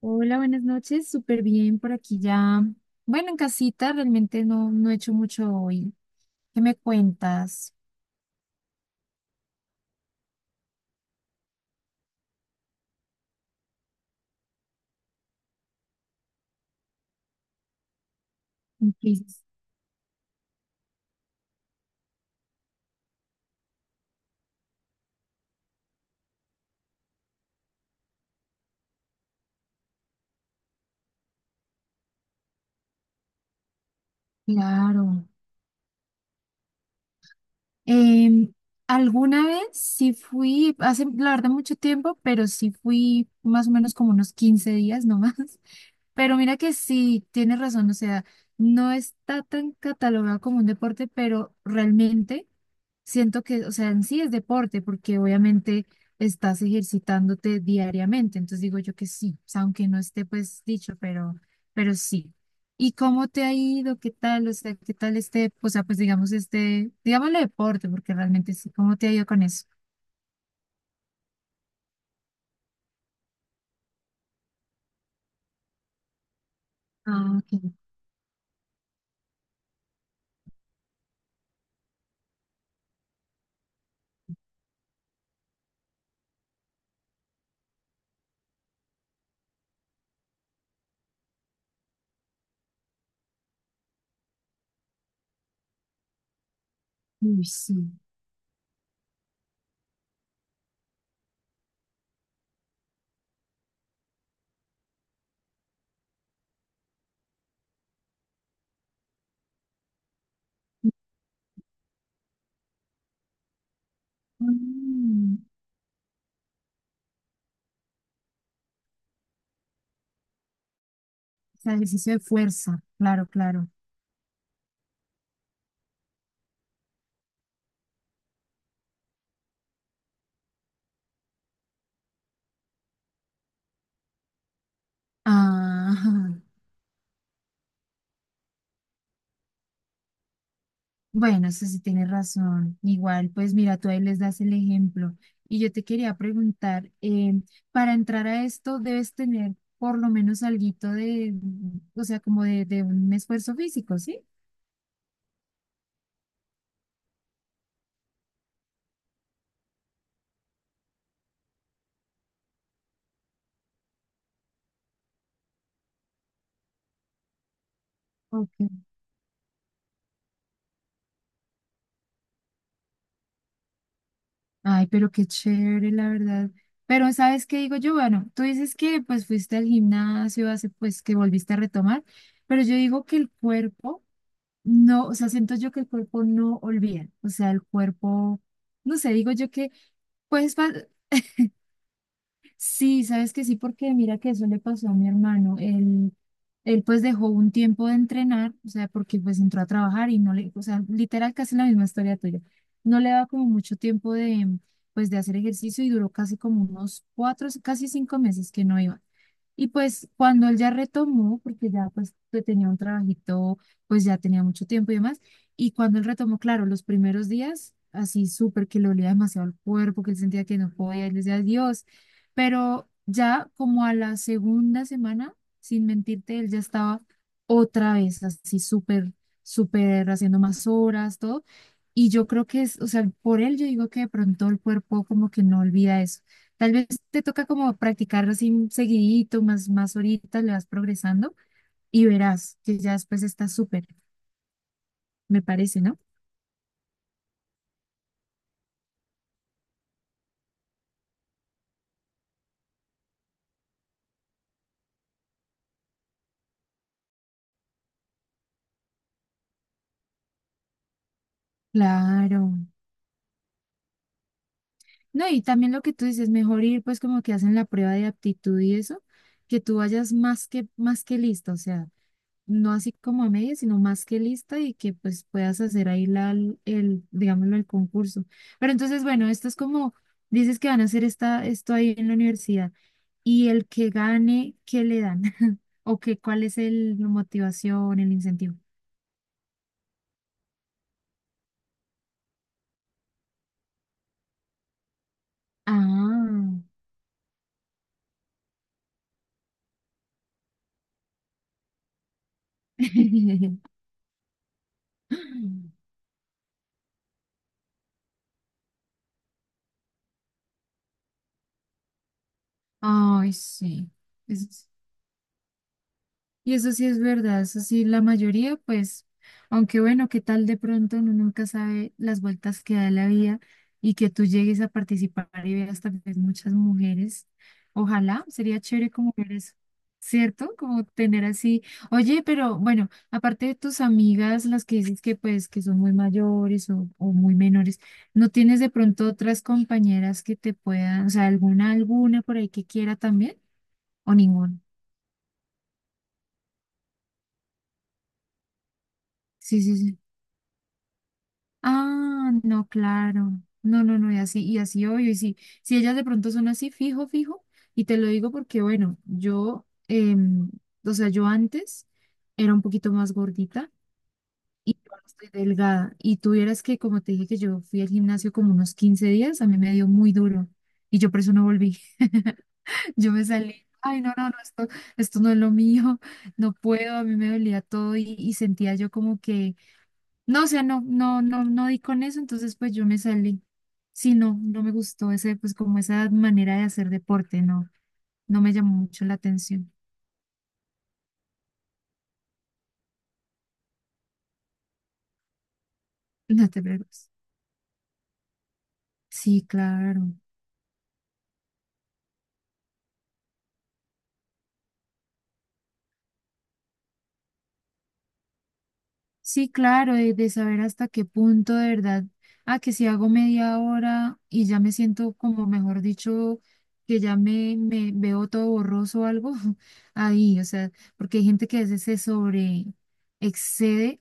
Hola, buenas noches, súper bien por aquí ya. Bueno, en casita realmente no, no he hecho mucho hoy. ¿Qué me cuentas? Sí, claro. Em, alguna vez sí fui, hace la verdad mucho tiempo, pero sí fui más o menos como unos 15 días nomás. Pero mira que sí, tienes razón, o sea, no está tan catalogado como un deporte, pero realmente. Siento que, o sea, en sí es deporte, porque obviamente estás ejercitándote diariamente. Entonces digo yo que sí, o sea, aunque no esté pues dicho, pero sí. ¿Y cómo te ha ido? ¿Qué tal? O sea, ¿qué tal este, o sea, pues digamos este, digámosle deporte, porque realmente sí? ¿Cómo te ha ido con eso? Ah, ok. Uy, sí. Mm, o sea, ejercicio de fuerza, claro, claro. Ah. Bueno, eso sí tienes razón. Igual, pues mira, tú ahí les das el ejemplo. Y yo te quería preguntar, para entrar a esto debes tener por lo menos alguito de, o sea, como de un esfuerzo físico, ¿sí? Ok. Ay, pero qué chévere, la verdad. Pero ¿sabes qué digo yo? Bueno, tú dices que pues fuiste al gimnasio hace pues que volviste a retomar, pero yo digo que el cuerpo no, o sea, siento yo que el cuerpo no olvida, o sea, el cuerpo, no sé, digo yo que pues sí, sabes que sí, porque mira que eso le pasó a mi hermano. Él pues dejó un tiempo de entrenar, o sea, porque pues entró a trabajar y no le, o sea, literal casi la misma historia tuya. No le daba como mucho tiempo de, pues de hacer ejercicio y duró casi como unos 4, casi 5 meses que no iba. Y pues cuando él ya retomó, porque ya pues que tenía un trabajito, pues ya tenía mucho tiempo y demás, y cuando él retomó, claro, los primeros días, así súper que le olía demasiado el cuerpo, que él sentía que no podía, él decía, Dios, pero ya como a la segunda semana, sin mentirte, él ya estaba otra vez así súper, súper haciendo más horas, todo, y yo creo que es, o sea, por él yo digo que de pronto el cuerpo como que no olvida eso. Tal vez te toca como practicarlo así seguidito, más, más ahorita le vas progresando y verás que ya después está súper, me parece, ¿no? Claro. No, y también lo que tú dices, mejor ir pues como que hacen la prueba de aptitud y eso, que tú vayas más que lista, o sea, no así como a medias, sino más que lista y que pues puedas hacer ahí la, el, digámoslo, el concurso. Pero entonces, bueno, esto es como, dices que van a hacer esto ahí en la universidad. Y el que gane, ¿qué le dan? ¿O qué, cuál es el, la motivación, el incentivo? Ah. Ay, sí. Y eso sí es verdad, eso sí, la mayoría, pues, aunque bueno, qué tal de pronto uno nunca sabe las vueltas que da la vida y que tú llegues a participar y veas tal vez muchas mujeres. Ojalá, sería chévere como ver eso, ¿cierto? Como tener así, oye, pero bueno, aparte de tus amigas, las que dices que pues que son muy mayores o muy menores, ¿no tienes de pronto otras compañeras que te puedan, o sea, alguna, alguna por ahí que quiera también o ninguna? Sí, sí, sí. Ah, no, claro. No, no, no, y así obvio. Y si, si ellas de pronto son así, fijo, fijo, y te lo digo porque, bueno, yo, o sea, yo antes era un poquito más gordita y ahora estoy delgada. Y tuvieras que, como te dije, que yo fui al gimnasio como unos 15 días, a mí me dio muy duro. Y yo por eso no volví. Yo me salí, ay, no, no, no, esto no es lo mío, no puedo, a mí me dolía todo y sentía yo como que no, o sea, no, no, no, no di con eso, entonces pues yo me salí. Sí, no, no me gustó ese, pues como esa manera de hacer deporte, no, no me llamó mucho la atención. No te preocupes. Sí, claro. Sí, claro, de saber hasta qué punto de verdad, que si hago media hora y ya me siento como, mejor dicho, que ya me veo todo borroso o algo, ahí, o sea, porque hay gente que a veces se sobre excede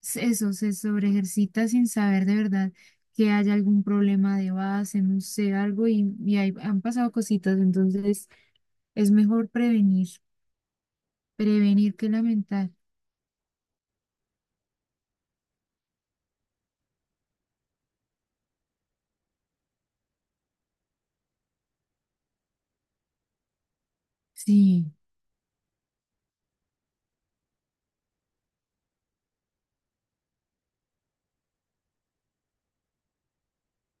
eso, se sobreejercita sin saber de verdad que haya algún problema de base, no sé, algo, y ahí han pasado cositas, entonces es mejor prevenir, prevenir que lamentar. Sí,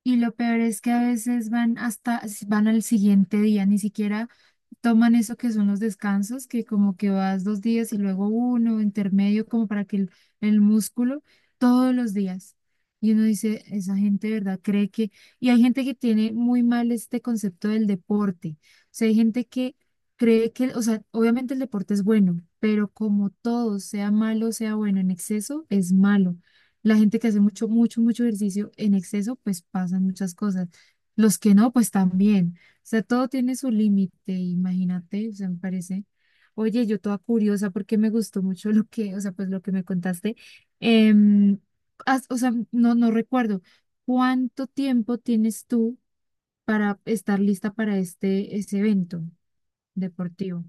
y lo peor es que a veces van hasta, van al siguiente día, ni siquiera toman eso que son los descansos, que como que vas 2 días y luego uno, intermedio, como para que el músculo, todos los días. Y uno dice, esa gente, ¿de verdad cree que...? Y hay gente que tiene muy mal este concepto del deporte. O sea, hay gente que cree que, o sea, obviamente el deporte es bueno, pero como todo, sea malo, sea bueno, en exceso es malo. La gente que hace mucho, mucho, mucho ejercicio en exceso, pues pasan muchas cosas. Los que no, pues también. O sea, todo tiene su límite, imagínate, o sea, me parece. Oye, yo toda curiosa porque me gustó mucho lo que, o sea, pues lo que me contaste. Em, o sea, no, no recuerdo. ¿Cuánto tiempo tienes tú para estar lista para este, ese evento deportivo?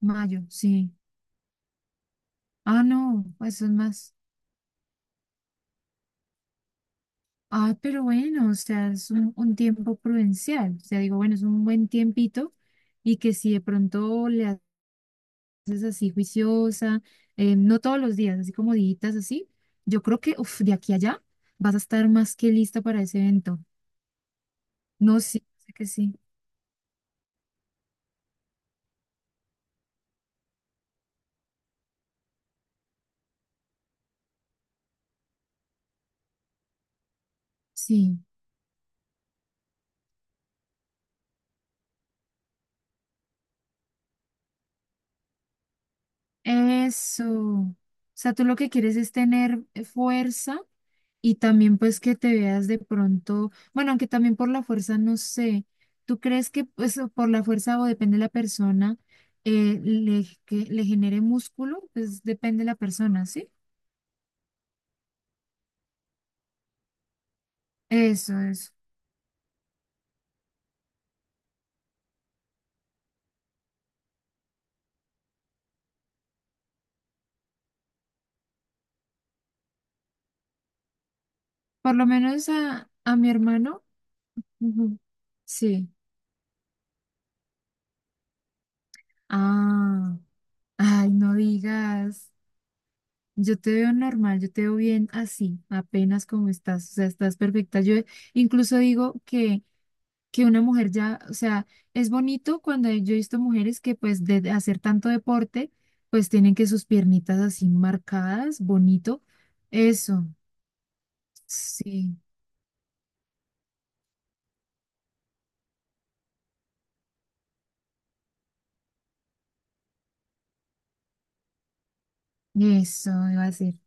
Mayo, sí. Ah, no, eso es más. Ah, pero bueno, o sea, es un tiempo prudencial. O sea, digo, bueno, es un buen tiempito y que si de pronto le es así juiciosa, no todos los días, así como ditas así, yo creo que uf, de aquí a allá vas a estar más que lista para ese evento. No, sí, sé que sí. Sí, eso. O sea, tú lo que quieres es tener fuerza y también pues que te veas de pronto, bueno, aunque también por la fuerza, no sé, ¿tú crees que pues o por la fuerza o depende de la persona, que le genere músculo? Pues depende de la persona, ¿sí? Eso, eso. Por lo menos a mi hermano. Ujú. Sí. Ah, ay, no digas. Yo te veo normal, yo te veo bien así, apenas como estás, o sea, estás perfecta. Yo incluso digo que una mujer ya, o sea, es bonito cuando yo he visto mujeres que pues de hacer tanto deporte, pues tienen que sus piernitas así marcadas, bonito. Eso, sí, eso, iba a decir.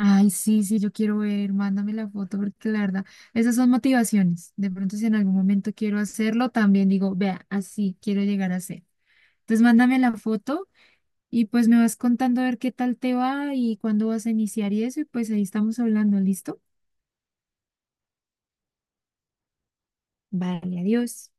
Ay, sí, sí, yo quiero ver, mándame la foto porque la verdad, esas son motivaciones. De pronto si en algún momento quiero hacerlo, también digo, vea, así quiero llegar a ser. Entonces mándame la foto y pues me vas contando a ver qué tal te va y cuándo vas a iniciar y eso, y pues ahí estamos hablando, ¿listo? Vale, adiós.